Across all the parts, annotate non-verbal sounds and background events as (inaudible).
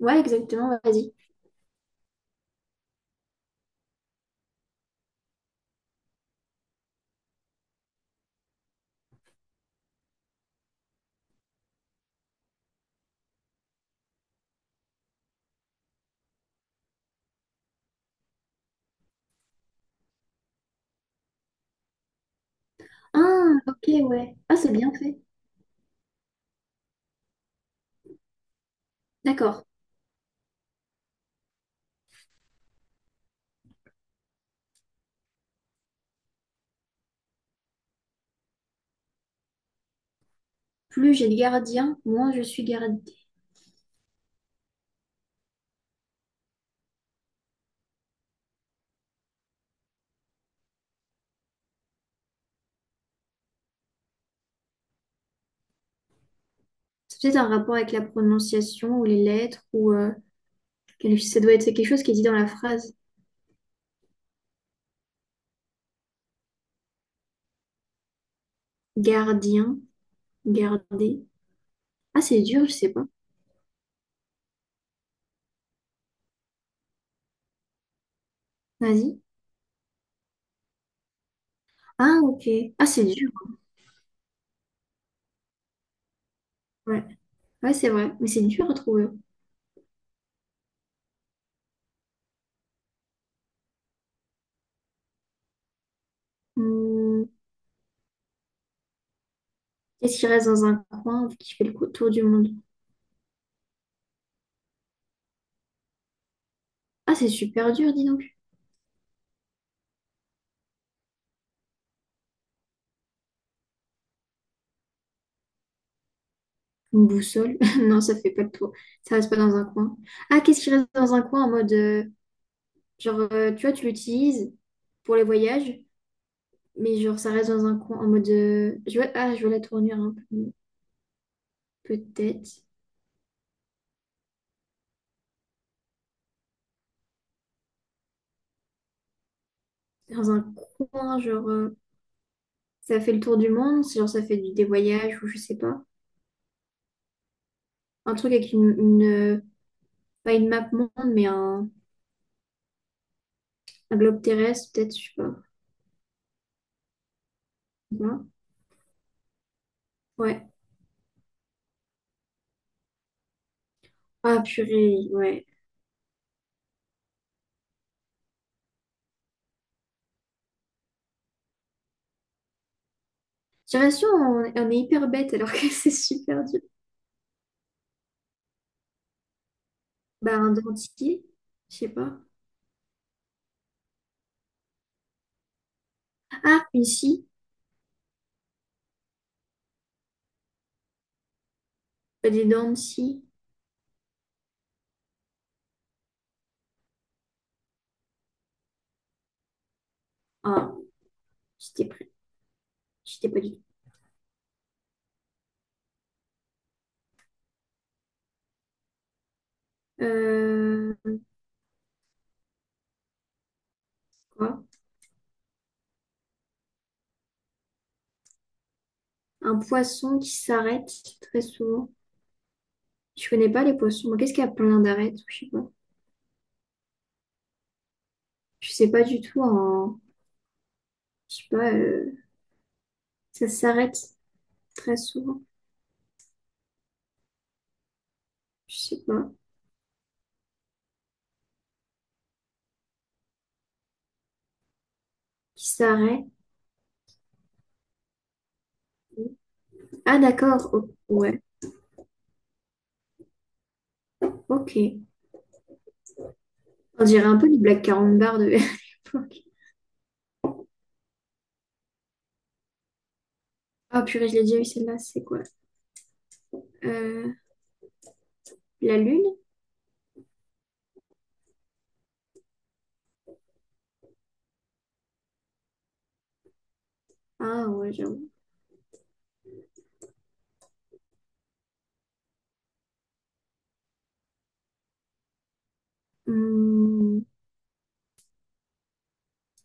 Ouais, exactement, vas-y. Ah, ok, ouais. Ah, c'est bien fait. D'accord. Plus j'ai de gardiens, moins je suis gardée. C'est peut-être un rapport avec la prononciation ou les lettres ou quel- ça doit être quelque chose qui est dit dans la phrase. Gardien, garder. Ah, c'est dur, je sais pas. Vas-y. Ah, ok. Ah, c'est dur. Ouais, ouais, c'est vrai. Mais c'est dur à trouver. Hum. Qu'est-ce qui reste dans un coin qui fait le cou- tour du monde? Ah, c'est super dur, dis donc. Une boussole? (laughs) Non, ça fait pas de tour. Ça reste pas dans un coin. Ah, qu'est-ce qui reste dans un coin en mode, genre, tu vois, tu l'utilises pour les voyages, mais genre, ça reste dans un coin en mode, je vois, ah, je vois la tournure un peu. Peut-être. Dans un coin, genre. Ça fait le tour du monde, c'est genre, ça fait du- des voyages ou je sais pas. Un truc avec une pas une map monde, mais un globe terrestre, peut-être, je sais pas. Voilà. Ouais. Ah, purée, ouais. J'ai l'impression on est hyper bête alors que (laughs) c'est super dur. Bah, un dentier, je sais pas. Ah, une scie, pas des dents de scie. Ah, j'étais prêt, j'étais pas du tout. Euh, quoi? Un poisson qui s'arrête très souvent. Je connais pas les poissons. Moi, qu'est-ce qu'il y a plein d'arêtes? Je sais pas. Je sais pas du tout. En... Je sais pas, ça s'arrête très souvent. Je sais pas. Qui s'arrête. Ah, d'accord. Oh, ouais. Ok. On dirait un peu du Black Carambar de (laughs) l'époque. Ah, purée, je l'ai déjà eu celle-là. C'est quoi? Euh, la lune? Ah, ouais, j'avoue. Hmm.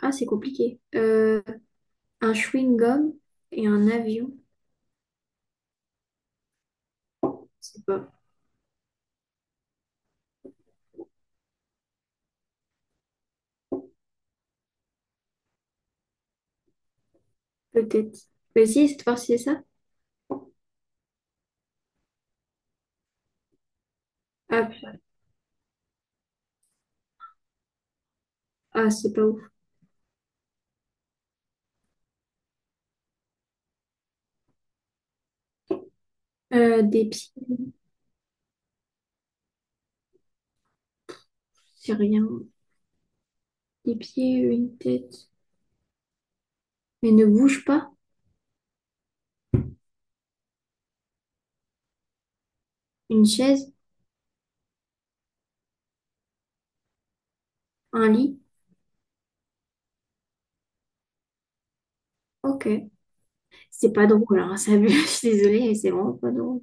Ah, c'est compliqué. Un chewing-gum et un avion. Je sais pas. Peut-être. Mais si, cette fois-ci, c'est ça? Ah, p- ah, c'est pas ouf. Des pieds. C'est rien. Des pieds, une tête. Mais ne bouge pas. Une chaise. Un lit. Ok. C'est pas drôle, hein, ça. (laughs) Je suis désolée, mais c'est vraiment pas drôle.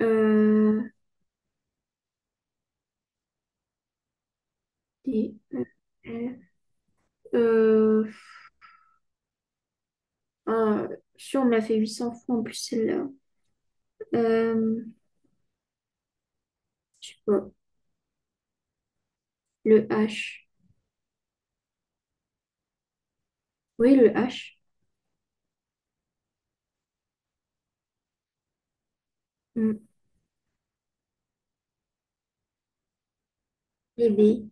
Euh, des- euh, euh, ah, si on me l'a fait 800 fois en plus, celle-là. Euh, je sais pas. Le H. Oui, le H. Mm. Les baies.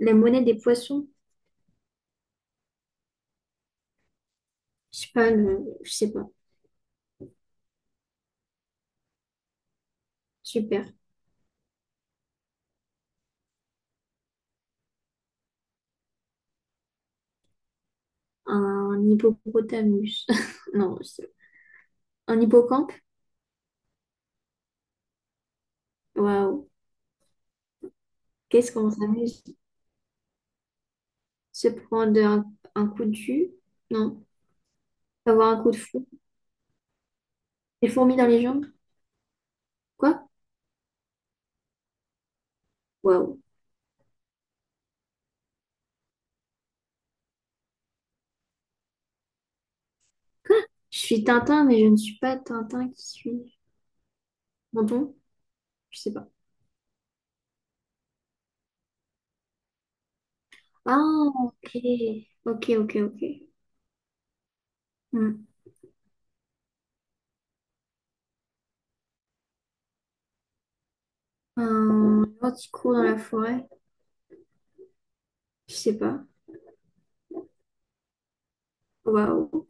La monnaie des poissons. Je sais pas, le... je sais pas. Super. Un hippopotamus. (laughs) Non, c'est- un hippocampe. Waouh. Qu'est-ce qu'on s'amuse. Se prendre un coup de jus. Non. Avoir un coup de fou. Des fourmis dans les jambes. Quoi? Waouh. Quoi? Je suis Tintin, mais je ne suis pas Tintin qui suis. Menton? Je sais pas. Ah, ok. Ok, ok, ok. Hmm. Un gentil coup dans la forêt. Je sais pas. Waouh.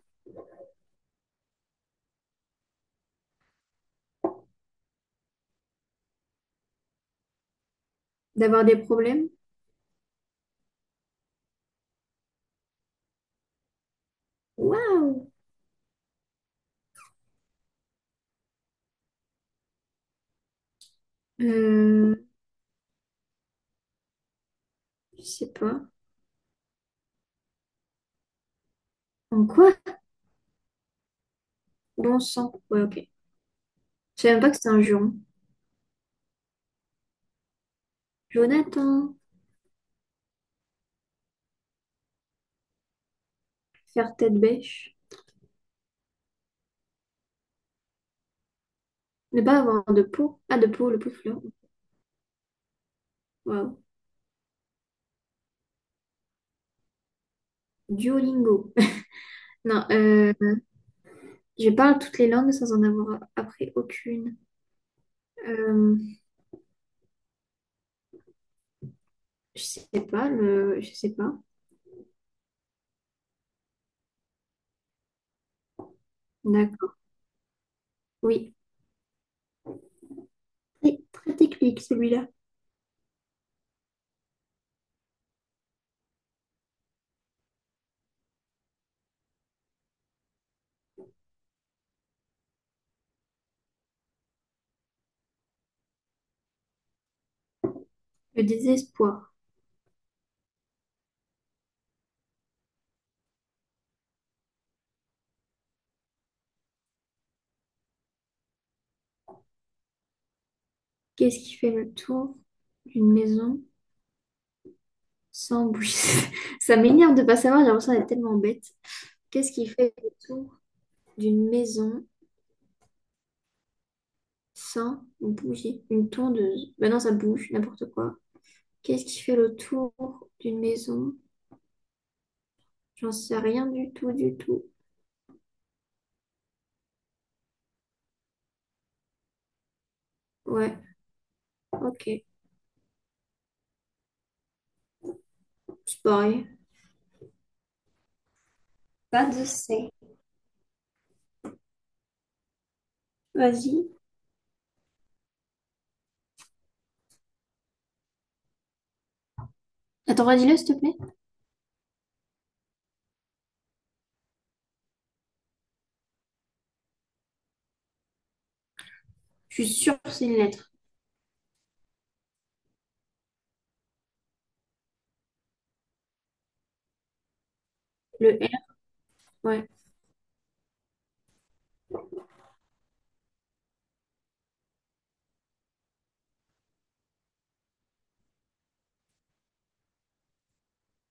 D'avoir des problèmes? Waouh! Euh, je sais pas. En quoi? Bon sang. Ouais, ok. Je savais même pas que c'était un juron. Jonathan, faire tête bêche. Ne pas avoir de peau. Ah, de peau, le pot de fleurs. Waouh. Duolingo. (laughs) Non, je parle toutes les langues sans en avoir appris aucune. Euh, je sais pas, le... je sais pas. D'accord. Oui. Très, très technique, celui-là. Le désespoir. Qu'est-ce qui fait le tour d'une maison? Sans bruit. (laughs) Ça m'énerve de pas savoir, j'ai l'impression d'être tellement bête. Qu'est-ce qui fait le tour d'une maison sans bouger? Une tondeuse. Ben non, ça bouge, n'importe quoi. Qu'est-ce qui fait le tour d'une maison? J'en sais rien du tout, du tout. Ouais, ok. C'est pareil. Pas de C. Vas-y. Attends, redis-le, s'il te plaît. Je suis sûre que c'est une lettre. Le R, ouais.